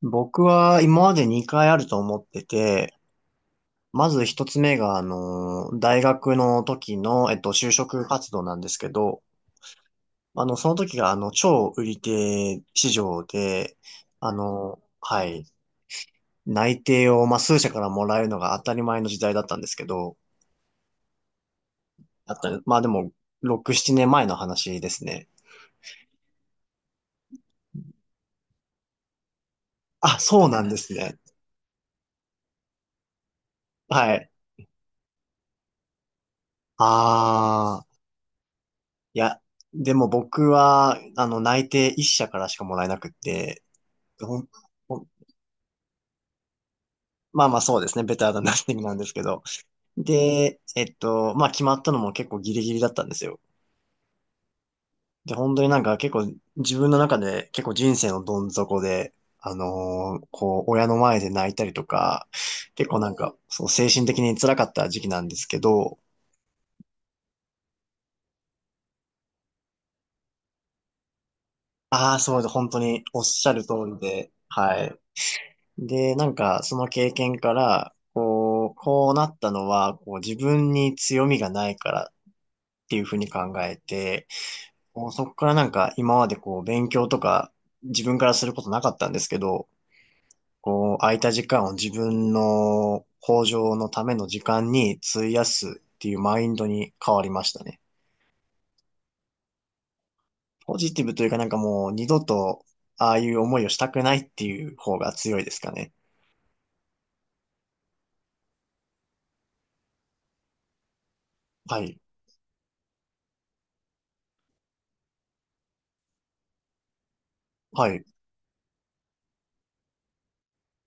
僕は今まで2回あると思ってて、まず1つ目が、大学の時の、就職活動なんですけど、その時が、超売り手市場で、はい、内定を、まあ、数社からもらえるのが当たり前の時代だったんですけど、あったまあ、でも、6、7年前の話ですね。あ、そうなんですね。はい。ああ、いや、でも僕は、内定1社からしかもらえなくって、ほんほんまあまあそうですね。ベターなナッティングなんですけど。で、まあ決まったのも結構ギリギリだったんですよ。で、本当になんか結構自分の中で結構人生のどん底で、こう、親の前で泣いたりとか、結構なんか、そう、精神的に辛かった時期なんですけど、ああ、そうです。本当におっしゃる通りで、はい。で、なんか、その経験から、こう、こうなったのは、こう、自分に強みがないからっていうふうに考えて、こう、そこからなんか今までこう勉強とか自分からすることなかったんですけど、こう空いた時間を自分の向上のための時間に費やすっていうマインドに変わりましたね。ポジティブというかなんかもう二度とああいう思いをしたくないっていう方が強いですかね。はい。はい。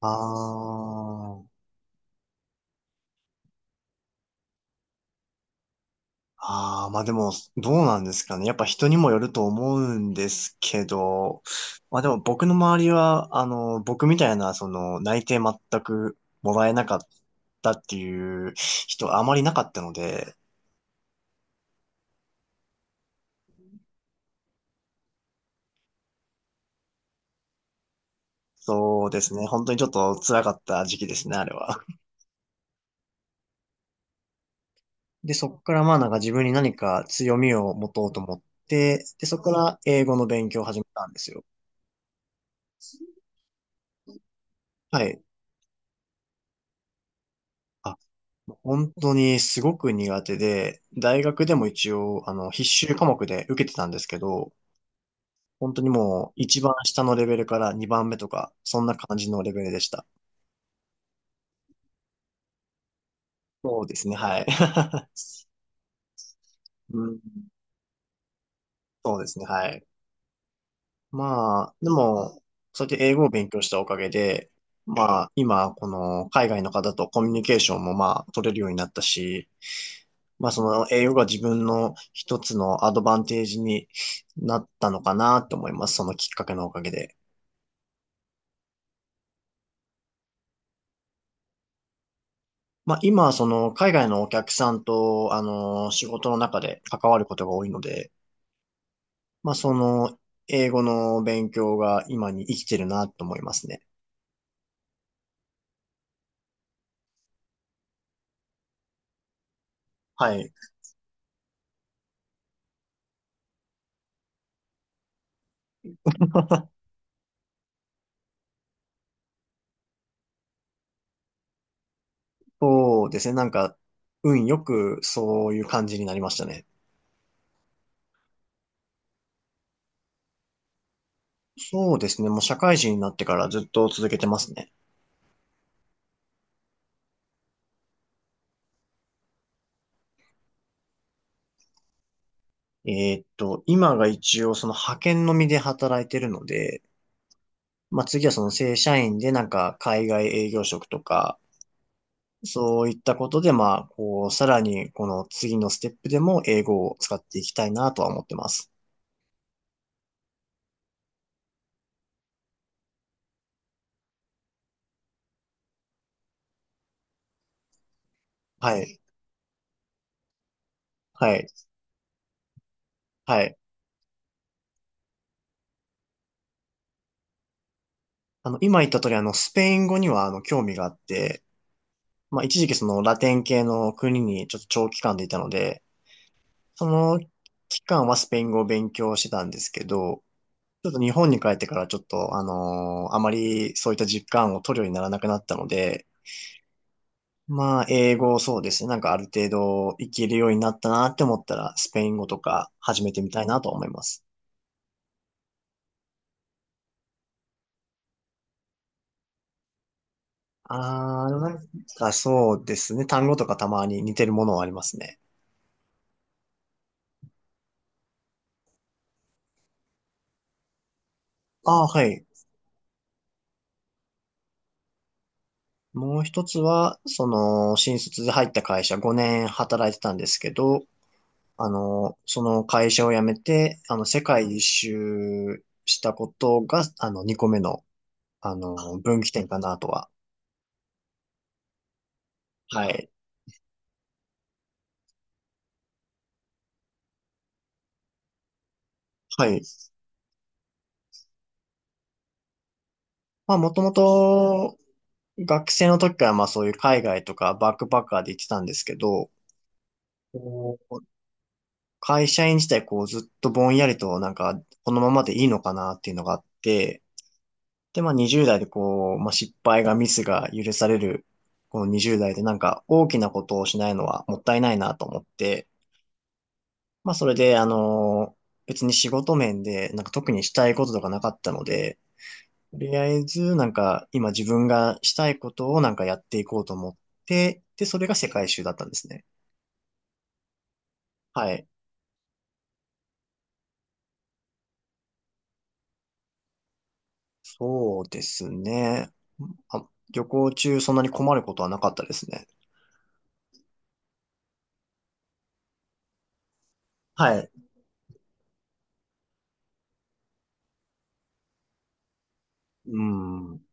あー。ああ、まあでも、どうなんですかね。やっぱ人にもよると思うんですけど、まあでも僕の周りは、僕みたいな、その、内定全くもらえなかったっていう人はあまりなかったので、そうですね。本当にちょっと辛かった時期ですね、あれは。で、そこからまあなんか自分に何か強みを持とうと思って、で、そこから英語の勉強を始めたんですよ。はい。あ本当にすごく苦手で、大学でも一応、必修科目で受けてたんですけど、本当にもう一番下のレベルから2番目とか、そんな感じのレベルでした。そうですね、はい。うん、そうですね、はい。まあ、でも、そうやって英語を勉強したおかげで、まあ、今、この海外の方とコミュニケーションもまあ、取れるようになったし、まあ、その英語が自分の一つのアドバンテージになったのかなと思います。そのきっかけのおかげで。まあ、今、その、海外のお客さんと、仕事の中で関わることが多いので、まあ、その、英語の勉強が今に生きてるなと思いますね。はい。そうですね。なんか、運よくそういう感じになりましたね。そうですね。もう社会人になってからずっと続けてますね。今が一応その派遣のみで働いてるので、まあ、次はその正社員でなんか海外営業職とか、そういったことで、まあ、こう、さらに、この次のステップでも英語を使っていきたいなとは思ってます。はい。はい。はい。今言った通り、スペイン語には、興味があって、まあ、一時期そのラテン系の国にちょっと長期間でいたので、その期間はスペイン語を勉強してたんですけど、ちょっと日本に帰ってからちょっと、あまりそういった実感を取るようにならなくなったので、まあ、英語そうですね。なんかある程度いけるようになったなって思ったら、スペイン語とか始めてみたいなと思います。あー、なんかそうですね。単語とかたまに似てるものはありますね。ああはい。もう一つは、その、新卒で入った会社5年働いてたんですけど、その会社を辞めて、世界一周したことが、2個目の、分岐点かなとは。はい。はい。まあ、もともと、学生の時からまあそういう海外とかバックパッカーで行ってたんですけど、こう会社員自体こうずっとぼんやりとなんかこのままでいいのかなっていうのがあって、でまあ20代でこう、まあ、失敗がミスが許されるこの20代でなんか大きなことをしないのはもったいないなと思って、まあそれで別に仕事面でなんか特にしたいこととかなかったので、とりあえず、なんか、今自分がしたいことをなんかやっていこうと思って、で、それが世界一周だったんですね。はい。そうですね。あ、旅行中そんなに困ることはなかったですね。はい。うん。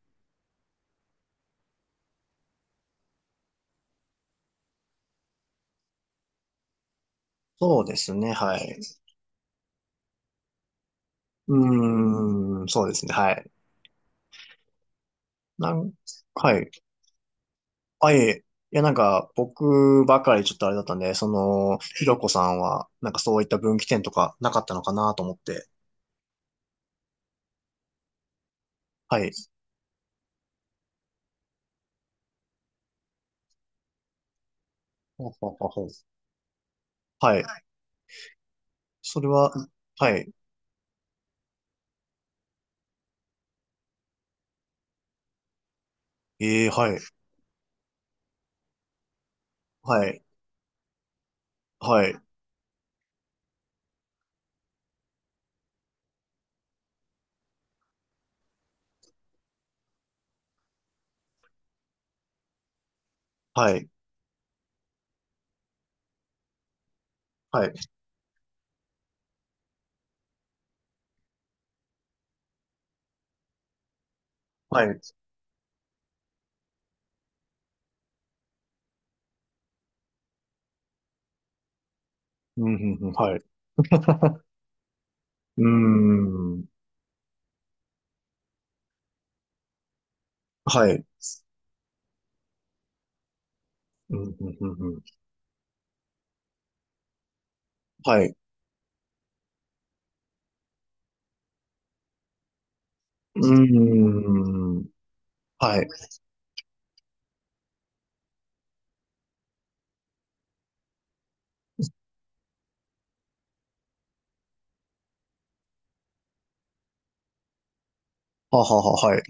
そうですね。はい。うーん。そうですね。はい。なん、はい。あ、いえいえ。いや、なんか、僕ばかりちょっとあれだったんで、その、ひろこさんは、なんかそういった分岐点とかなかったのかなと思って。はい。ほうほうほうほうはい。それは、はい。ええ、はい。はい。はい。はい。はい。はい。うん、うん、うん、はい。うーん。はい。うん、うん、うん、うん。はい。うーん。はい。ははは、はい。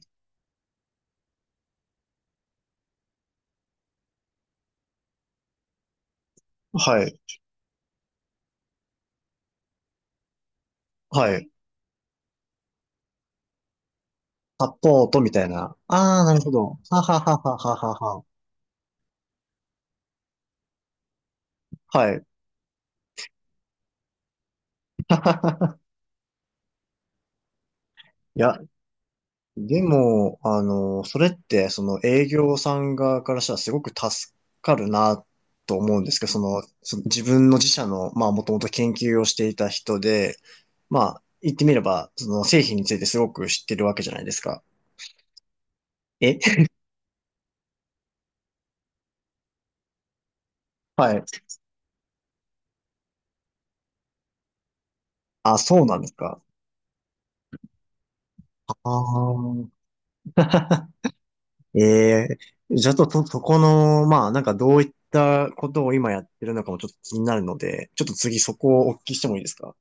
はい。はい。サポートみたいな。ああ、なるほど。ははははははは。はい。いや、でも、それって、その営業さん側からしたらすごく助かるなと思うんですけど、その、その自分の自社の、まあ、もともと研究をしていた人で、まあ、言ってみれば、その製品についてすごく知ってるわけじゃないですか。え はい。あ、そうなんですか。ああ。ええじゃあと、そこの、まあ、なんかどういったことを今やってるのかもちょっと気になるので、ちょっと次そこをお聞きしてもいいですか？